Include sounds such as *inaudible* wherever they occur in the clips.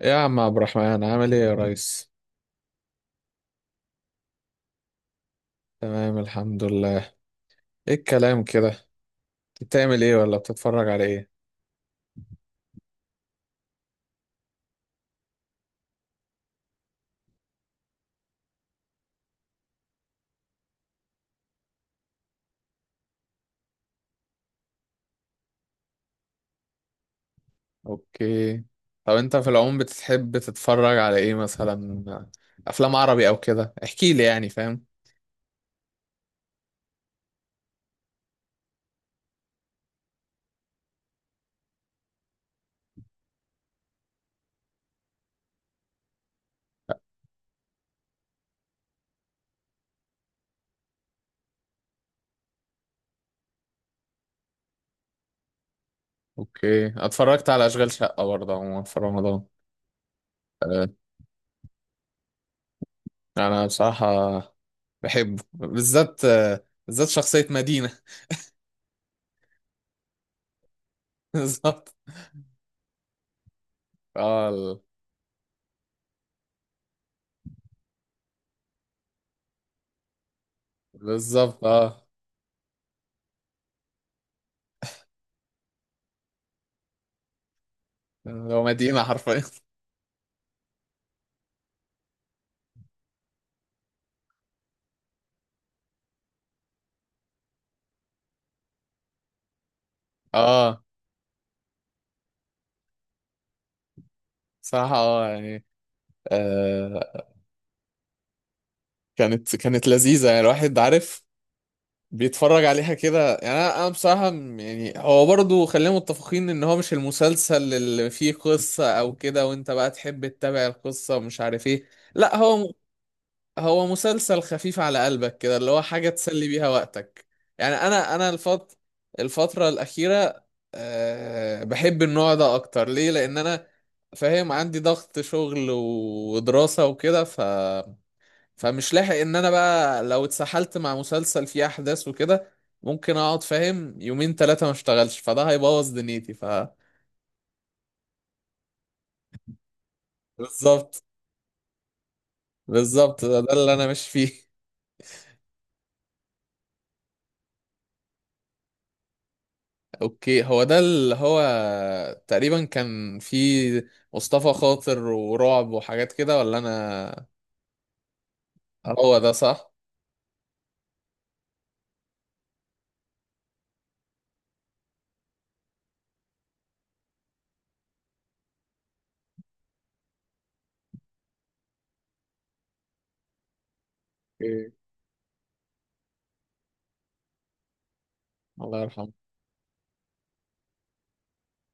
يا عم عبد الرحمن، عامل ايه يا ريس؟ تمام، الحمد لله. ايه الكلام كده؟ بتعمل ايه ولا بتتفرج على ايه؟ اوكي. طب انت في العموم بتحب تتفرج على ايه مثلا؟ افلام عربي او كده، احكي لي، يعني فاهم؟ اوكي، اتفرجت على اشغال شقه برضه عموما في رمضان. آه، انا بصراحه بحبه بالذات، بالذات شخصيه مدينه. *laughs* بالظبط. اه ال- بالظبط، لو مدينه حرفيا. *laughs* اه، صراحه، يعني آه. كانت لذيذه، يعني الواحد عارف بيتفرج عليها كده. يعني انا بصراحه، يعني هو برضه خلينا متفقين ان هو مش المسلسل اللي فيه قصه او كده، وانت بقى تحب تتابع القصه ومش عارف ايه. لا، هو مسلسل خفيف على قلبك كده، اللي هو حاجة تسلي بيها وقتك. يعني أنا الفترة الأخيرة بحب النوع ده أكتر. ليه؟ لأن أنا فاهم عندي ضغط شغل ودراسة وكده، فمش لاحق إن أنا بقى لو اتسحلت مع مسلسل فيه أحداث وكده، ممكن أقعد فاهم يومين 3 ما اشتغلش، فده هيبوظ دنيتي. بالظبط، بالظبط، ده اللي أنا ماشي فيه. اوكي، هو ده اللي هو تقريبا كان في مصطفى خاطر ورعب وحاجات كده ولا انا؟ هو ده صح؟ اوكي. الله يرحمه.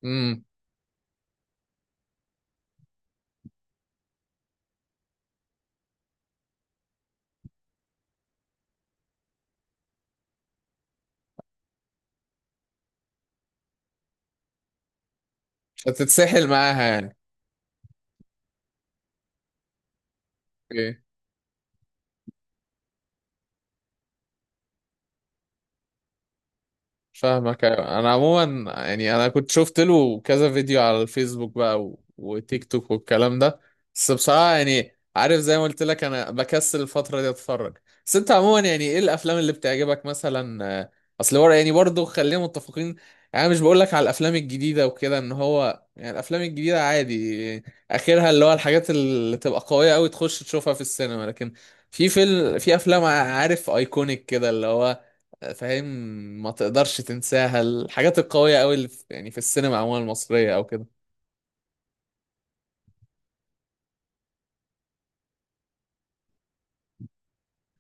امم. مش هتتسحل معاها يعني. اوكي. فاهمك، أيوة. انا عموما يعني انا كنت شفت له كذا فيديو على الفيسبوك بقى و... وتيك توك والكلام ده. بس بصراحة يعني عارف، زي ما قلت لك انا بكسل الفترة دي اتفرج. بس انت عموما يعني ايه الافلام اللي بتعجبك مثلا؟ اصل ورا يعني برضه خلينا متفقين. يعني أنا مش بقول لك على الافلام الجديدة وكده، ان هو يعني الافلام الجديدة عادي. اخرها اللي هو الحاجات اللي تبقى قوية قوي تخش تشوفها في السينما، لكن في افلام عارف ايكونيك كده اللي هو فاهم، ما تقدرش تنساها، الحاجات القوية قوي اللي في السينما عموما المصرية او كده.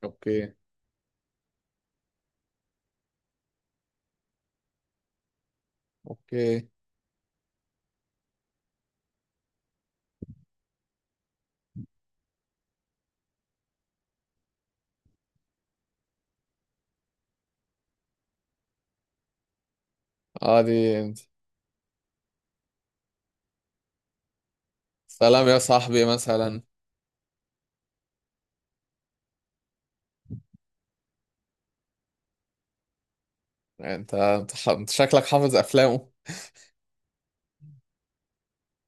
اوكي. اوكي. اه، دي انت. سلام يا صاحبي مثلا. انت شكلك حافظ افلامه.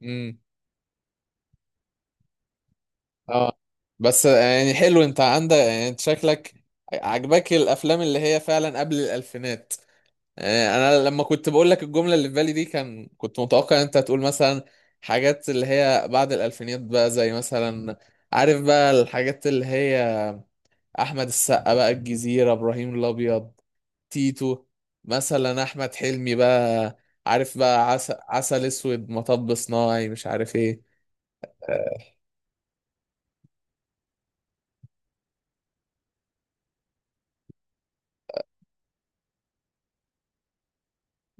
امم. اه، بس يعني حلو، انت عندك يعني، انت شكلك عجبك الافلام اللي هي فعلا قبل الالفينات. يعني انا لما كنت بقول لك الجملة اللي في بالي دي، كنت متوقع ان انت هتقول مثلا حاجات اللي هي بعد الالفينات بقى، زي مثلا عارف بقى الحاجات اللي هي احمد السقا بقى الجزيرة، ابراهيم الابيض، تيتو، مثلا احمد حلمي بقى، عارف بقى عسل، عسل اسود، مطب صناعي، مش عارف ايه.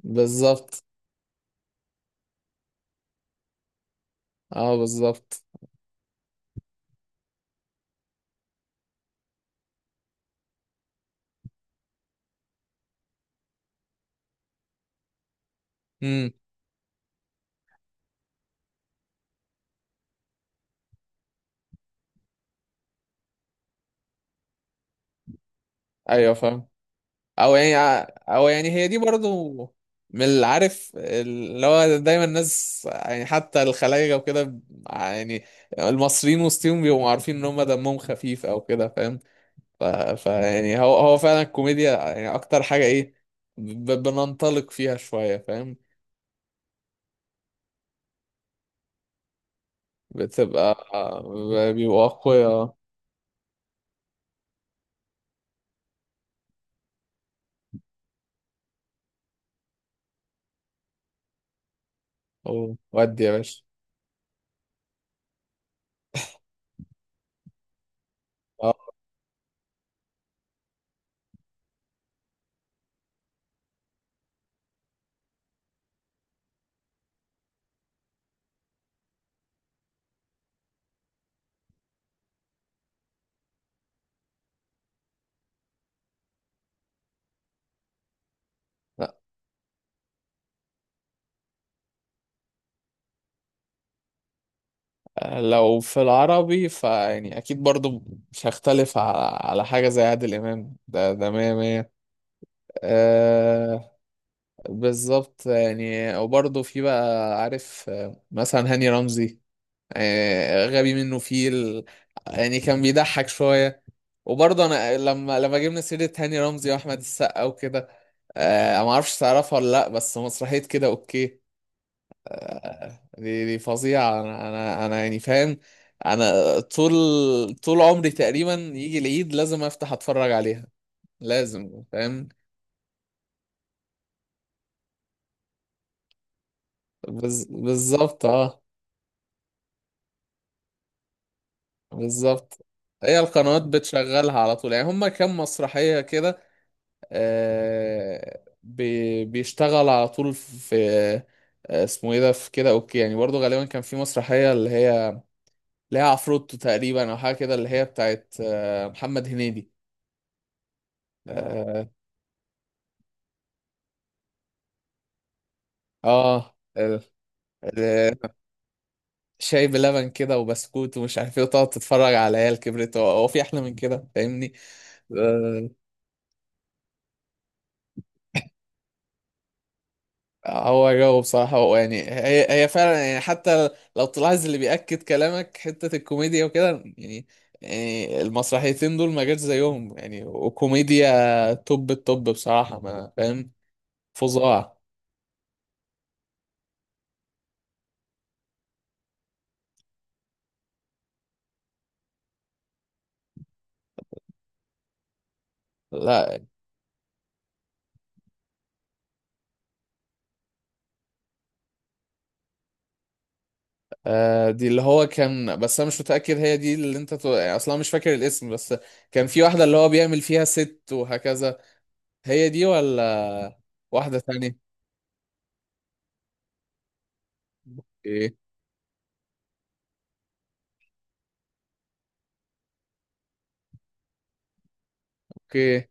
بالظبط، اه بالظبط. امم. ايوه فاهم. او يعني او يعني هي دي برضو من اللي عارف اللي هو دايما الناس، يعني حتى الخلايجة وكده، يعني المصريين وسطهم بيبقوا عارفين ان هم دمهم خفيف او كده فاهم. ف... ف يعني هو فعلا الكوميديا، يعني اكتر حاجة ايه بننطلق فيها شوية فاهم. بتبقى بيبقوا اقوياء. ودي يا باشا. آه. لا، لو في العربي فيعني اكيد برضو مش هختلف على حاجة زي عادل امام. ده مية مية. آه. بالظبط يعني، وبرضو في بقى عارف، مثلا هاني رمزي، غبي منه فيل، يعني كان بيضحك شوية. وبرضه انا لما جبنا سيرة هاني رمزي واحمد السقا وكده، ما اعرفش تعرفها ولا لا، بس مسرحية كده اوكي. دي فظيعة. أنا يعني فاهم. أنا طول عمري تقريبا يجي العيد لازم أفتح أتفرج عليها، لازم فاهم. بالظبط، أه. بالظبط، هي القنوات بتشغلها على طول، يعني هما كام مسرحية كده. بيشتغل على طول في، اسمه ايه ده في كده اوكي. يعني برضه غالبا كان في مسرحية اللي هي، اللي هي عفروتو تقريبا او حاجة كده اللي هي بتاعت محمد هنيدي. اه. آه، ال- ال- شاي بلبن كده وبسكوت ومش عارف ايه وتقعد تتفرج على عيال كبرت، هو في احلى من كده فاهمني؟ آه. هو جو بصراحة، هو يعني، هي فعلا يعني حتى لو تلاحظ اللي بيأكد كلامك حتة الكوميديا وكده، يعني يعني المسرحيتين دول ما جاش زيهم، يعني وكوميديا توب التوب بصراحة، ما فاهم فظاع لا، آه، دي اللي هو كان. بس انا مش متأكد هي دي اللي انت يعني اصلا مش فاكر الاسم، بس كان في واحدة اللي هو بيعمل فيها ست وهكذا. هي دي ولا واحدة تانية؟ اوكي. اوكي.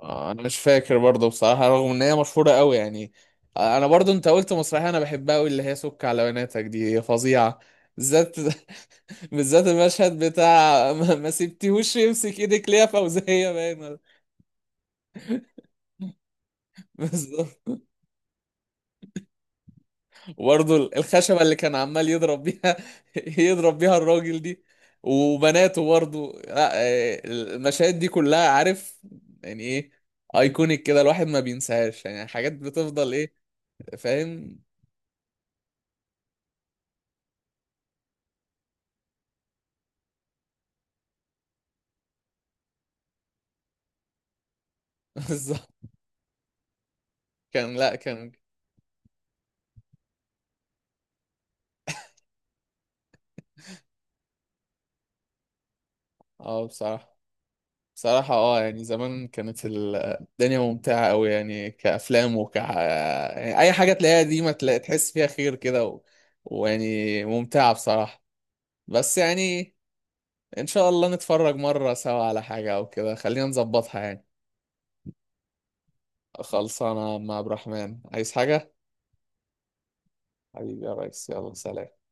انا مش فاكر برضه بصراحة رغم ان هي مشهورة قوي يعني. انا برضه انت قلت مسرحية انا بحبها قوي اللي هي سك على بناتك، دي هي فظيعة بالذات. *laughs* بالذات المشهد بتاع *laughs* ما سبتيهوش يمسك ايدك ليه يا فوزية باينة. *laughs* بالظبط. وبرضه الخشبة اللي كان عمال يضرب بيها، *laughs* يضرب بيها الراجل دي وبناته برضه. لا، المشاهد دي كلها عارف يعني ايه، ايكونيك كده، الواحد ما بينساهاش، يعني حاجات بتفضل ايه، فاهم. *laughs* كان، لا، كان. اه بصراحة، بصراحة يعني زمان كانت الدنيا ممتعة أوي، يعني كأفلام، يعني أي حاجة تلاقيها دي ما تلاقي تحس فيها خير كده ويعني ممتعة بصراحة. بس يعني إن شاء الله نتفرج مرة سوا على حاجة أو كده، خلينا نظبطها يعني. خلصانة مع عبد الرحمن، عايز حاجة؟ حبيبي يا ريس يلا سلام.